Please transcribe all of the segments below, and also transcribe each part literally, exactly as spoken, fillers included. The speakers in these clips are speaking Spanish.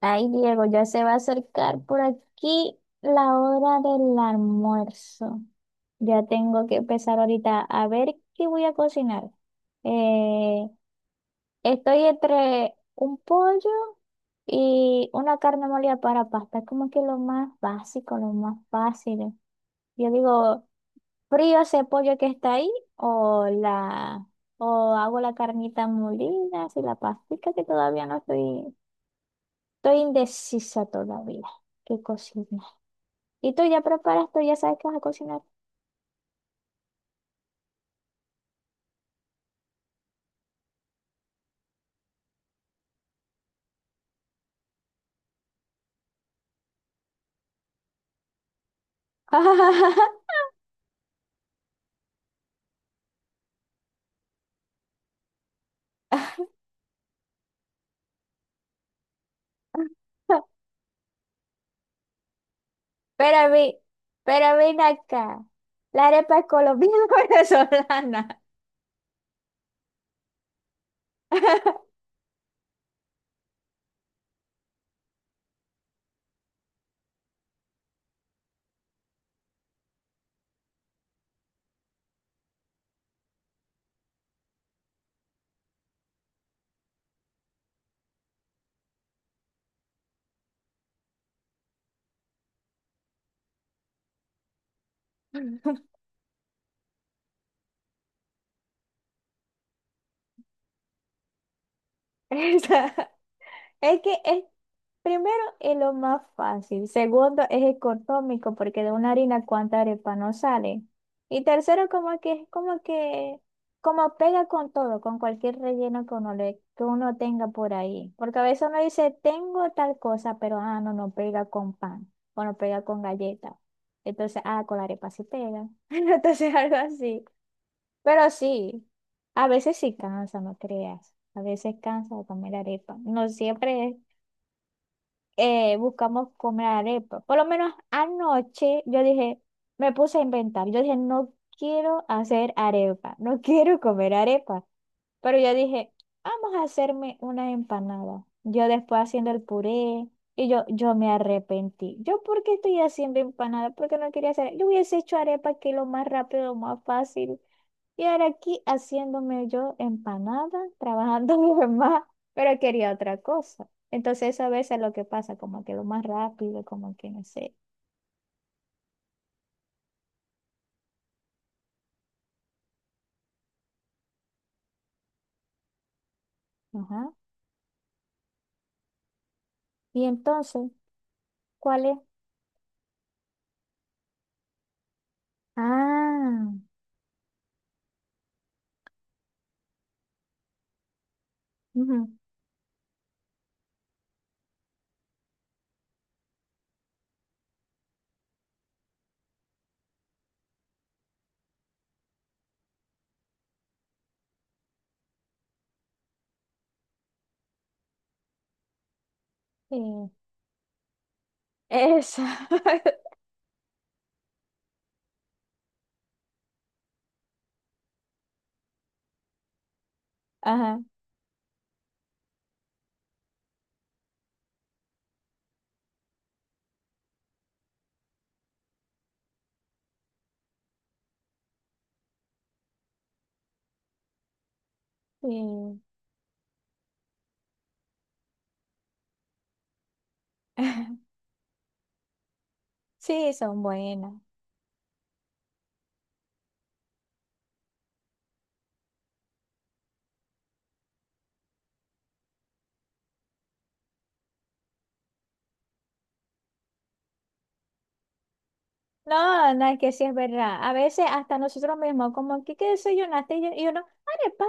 Ay, Diego, ya se va a acercar por aquí la hora del almuerzo. Ya tengo que empezar ahorita a ver qué voy a cocinar. Eh, Estoy entre un pollo y una carne molida para pasta. Es como que lo más básico, lo más fácil. Yo digo, frío ese pollo que está ahí o la o hago la carnita molida, así la pastica que todavía no estoy, estoy indecisa todavía. ¿Qué cocinar? Y tú ya preparas, tú ya sabes que vas a cocinar. Pero vi, pero ven acá. ¿La arepa es colombiana o venezolana? Esa- Es que es, Primero es lo más fácil. Segundo es económico porque de una harina cuánta arepa no sale. Y tercero como que es como que como pega con todo, con cualquier relleno que uno, le, que uno tenga por ahí. Porque a veces uno dice, tengo tal cosa, pero ah, no, no pega con pan o no pega con galleta. Entonces, ah, con la arepa sí pega. Entonces algo así. Pero sí, a veces sí cansa, no creas. A veces cansa de comer arepa. No siempre es eh, buscamos comer arepa. Por lo menos anoche yo dije, me puse a inventar. Yo dije, no quiero hacer arepa, no quiero comer arepa. Pero yo dije, vamos a hacerme una empanada. Yo después haciendo el puré y yo, yo me arrepentí. ¿Yo por qué estoy haciendo empanada? Porque no quería hacer. Yo hubiese hecho arepa que es lo más rápido, lo más fácil. Y ahora aquí haciéndome yo empanada, trabajando mi mamá, pero quería otra cosa. Entonces eso a veces es lo que pasa, como que lo más rápido, como que no sé. Ajá. Y entonces, ¿cuál es? Ah, ujú, sí, esa. Ajá, sí. Sí, son buenas. No, no, es que sí es verdad. A veces hasta nosotros mismos, como, ¿qué, qué desayunaste? Y, yo- y uno, arepa.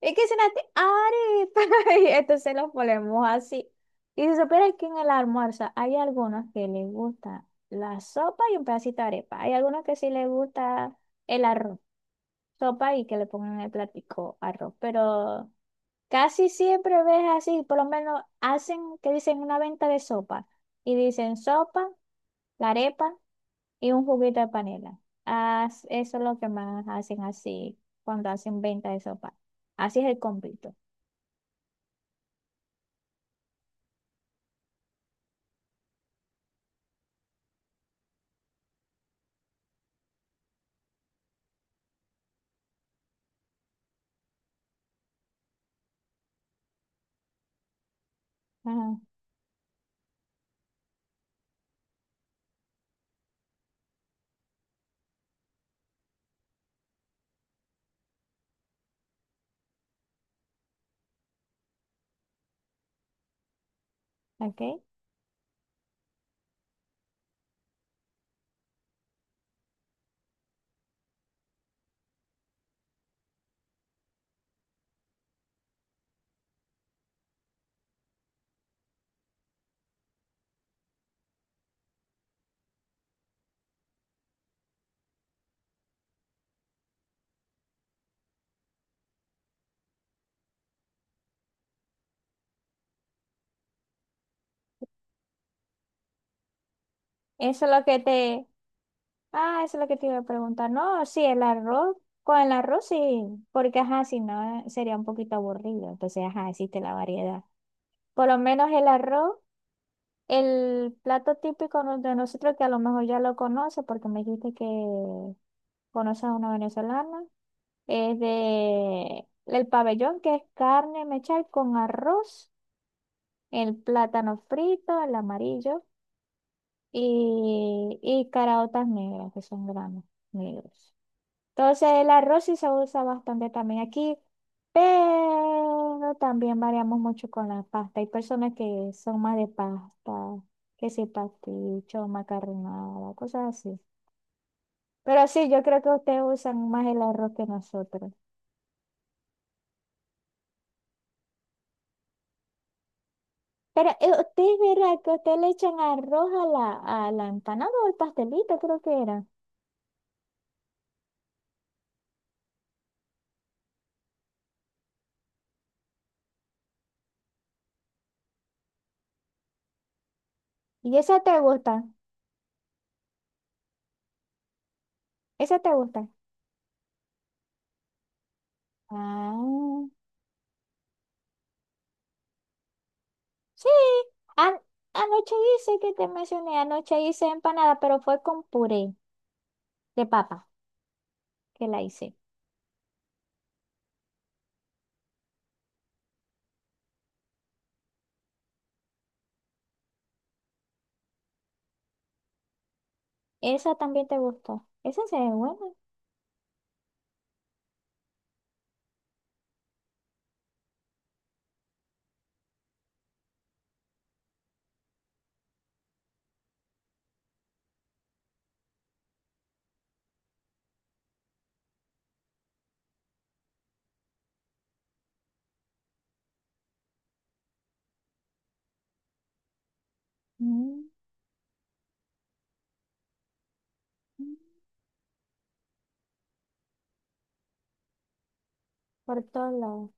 ¿Y qué cenaste? Arepa. Y entonces los ponemos así. Y se supone que en el almuerzo hay algunos que les gusta la sopa y un pedacito de arepa. Hay algunos que sí les gusta el arroz, sopa y que le pongan en el platico arroz. Pero casi siempre ves así, por lo menos hacen, que dicen una venta de sopa. Y dicen sopa, la arepa y un juguito de panela. As eso es lo que más hacen así cuando hacen venta de sopa. Así es el completo. Ajá, ok. Eso es lo que te... Ah, eso es lo que te iba a preguntar. No, sí, el arroz. Con el arroz sí, porque ajá, si no sería un poquito aburrido. Entonces, ajá, existe la variedad. Por lo menos el arroz, el plato típico no- de nosotros, que a lo mejor ya lo conoce, porque me dijiste que conoces a una venezolana. Es de el pabellón, que es carne mechal con arroz, el plátano frito, el amarillo y, y caraotas negras, que son granos negros. Entonces el arroz sí se usa bastante también aquí, pero también variamos mucho con la pasta. Hay personas que son más de pasta, que si pasticho, macarronada, cosas así. Pero sí, yo creo que ustedes usan más el arroz que nosotros. Pero eh, ustedes verá que ustedes le echan arroz a la, a la empanada o el pastelito, creo que era. Y esa te gusta, esa te gusta. Ah, sí. An- Anoche hice que te mencioné, anoche hice empanada, pero fue con puré de papa que la hice. Esa también te gustó. Esa se ve buena. Mm, mm, por todos lados.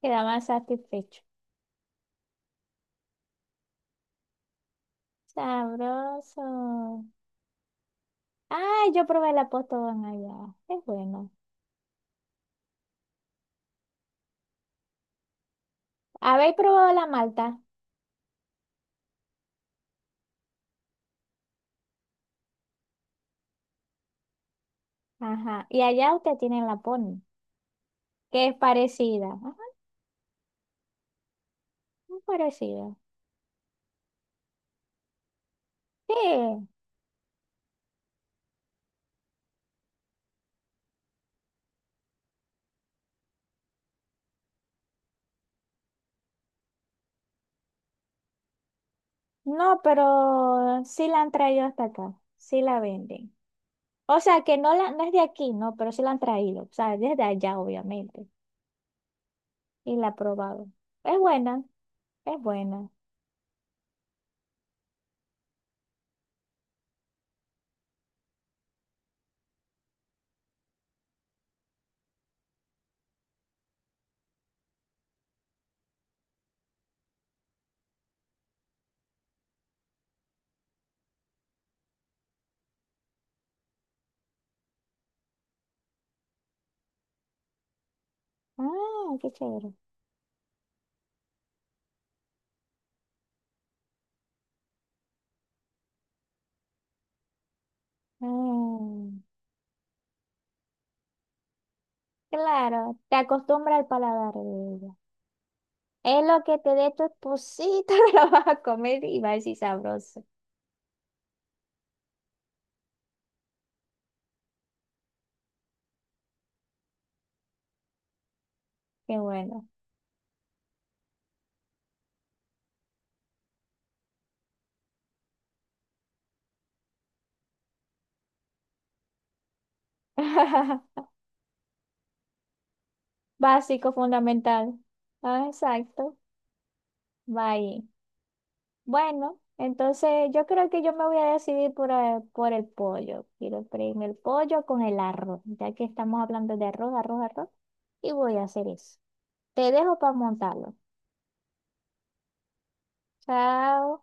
Queda más satisfecho. Sabroso. Ay, yo probé la Postobón allá. Es bueno. ¿Habéis probado la malta? Ajá. Y allá usted tiene la Pony, que es parecida. Ajá, muy parecida. Sí, no, pero sí la han traído hasta acá. Sí la venden. O sea, que no, la, no es de aquí, no, pero sí la han traído. O sea, desde allá, obviamente. Y la he probado. Es buena, es buena. Ah, qué chévere. Mm, claro, te acostumbra al paladar de ella. Es lo que te dé tu esposito, lo vas a comer y va a decir sabroso. Qué bueno. Básico, fundamental. Ah, exacto. Va ahí. Bueno, entonces yo creo que yo me voy a decidir por, eh, por el pollo. Quiero freírme el pollo con el arroz, ya que estamos hablando de arroz, arroz, arroz. Y voy a hacer eso. Te dejo para montarlo. Chao.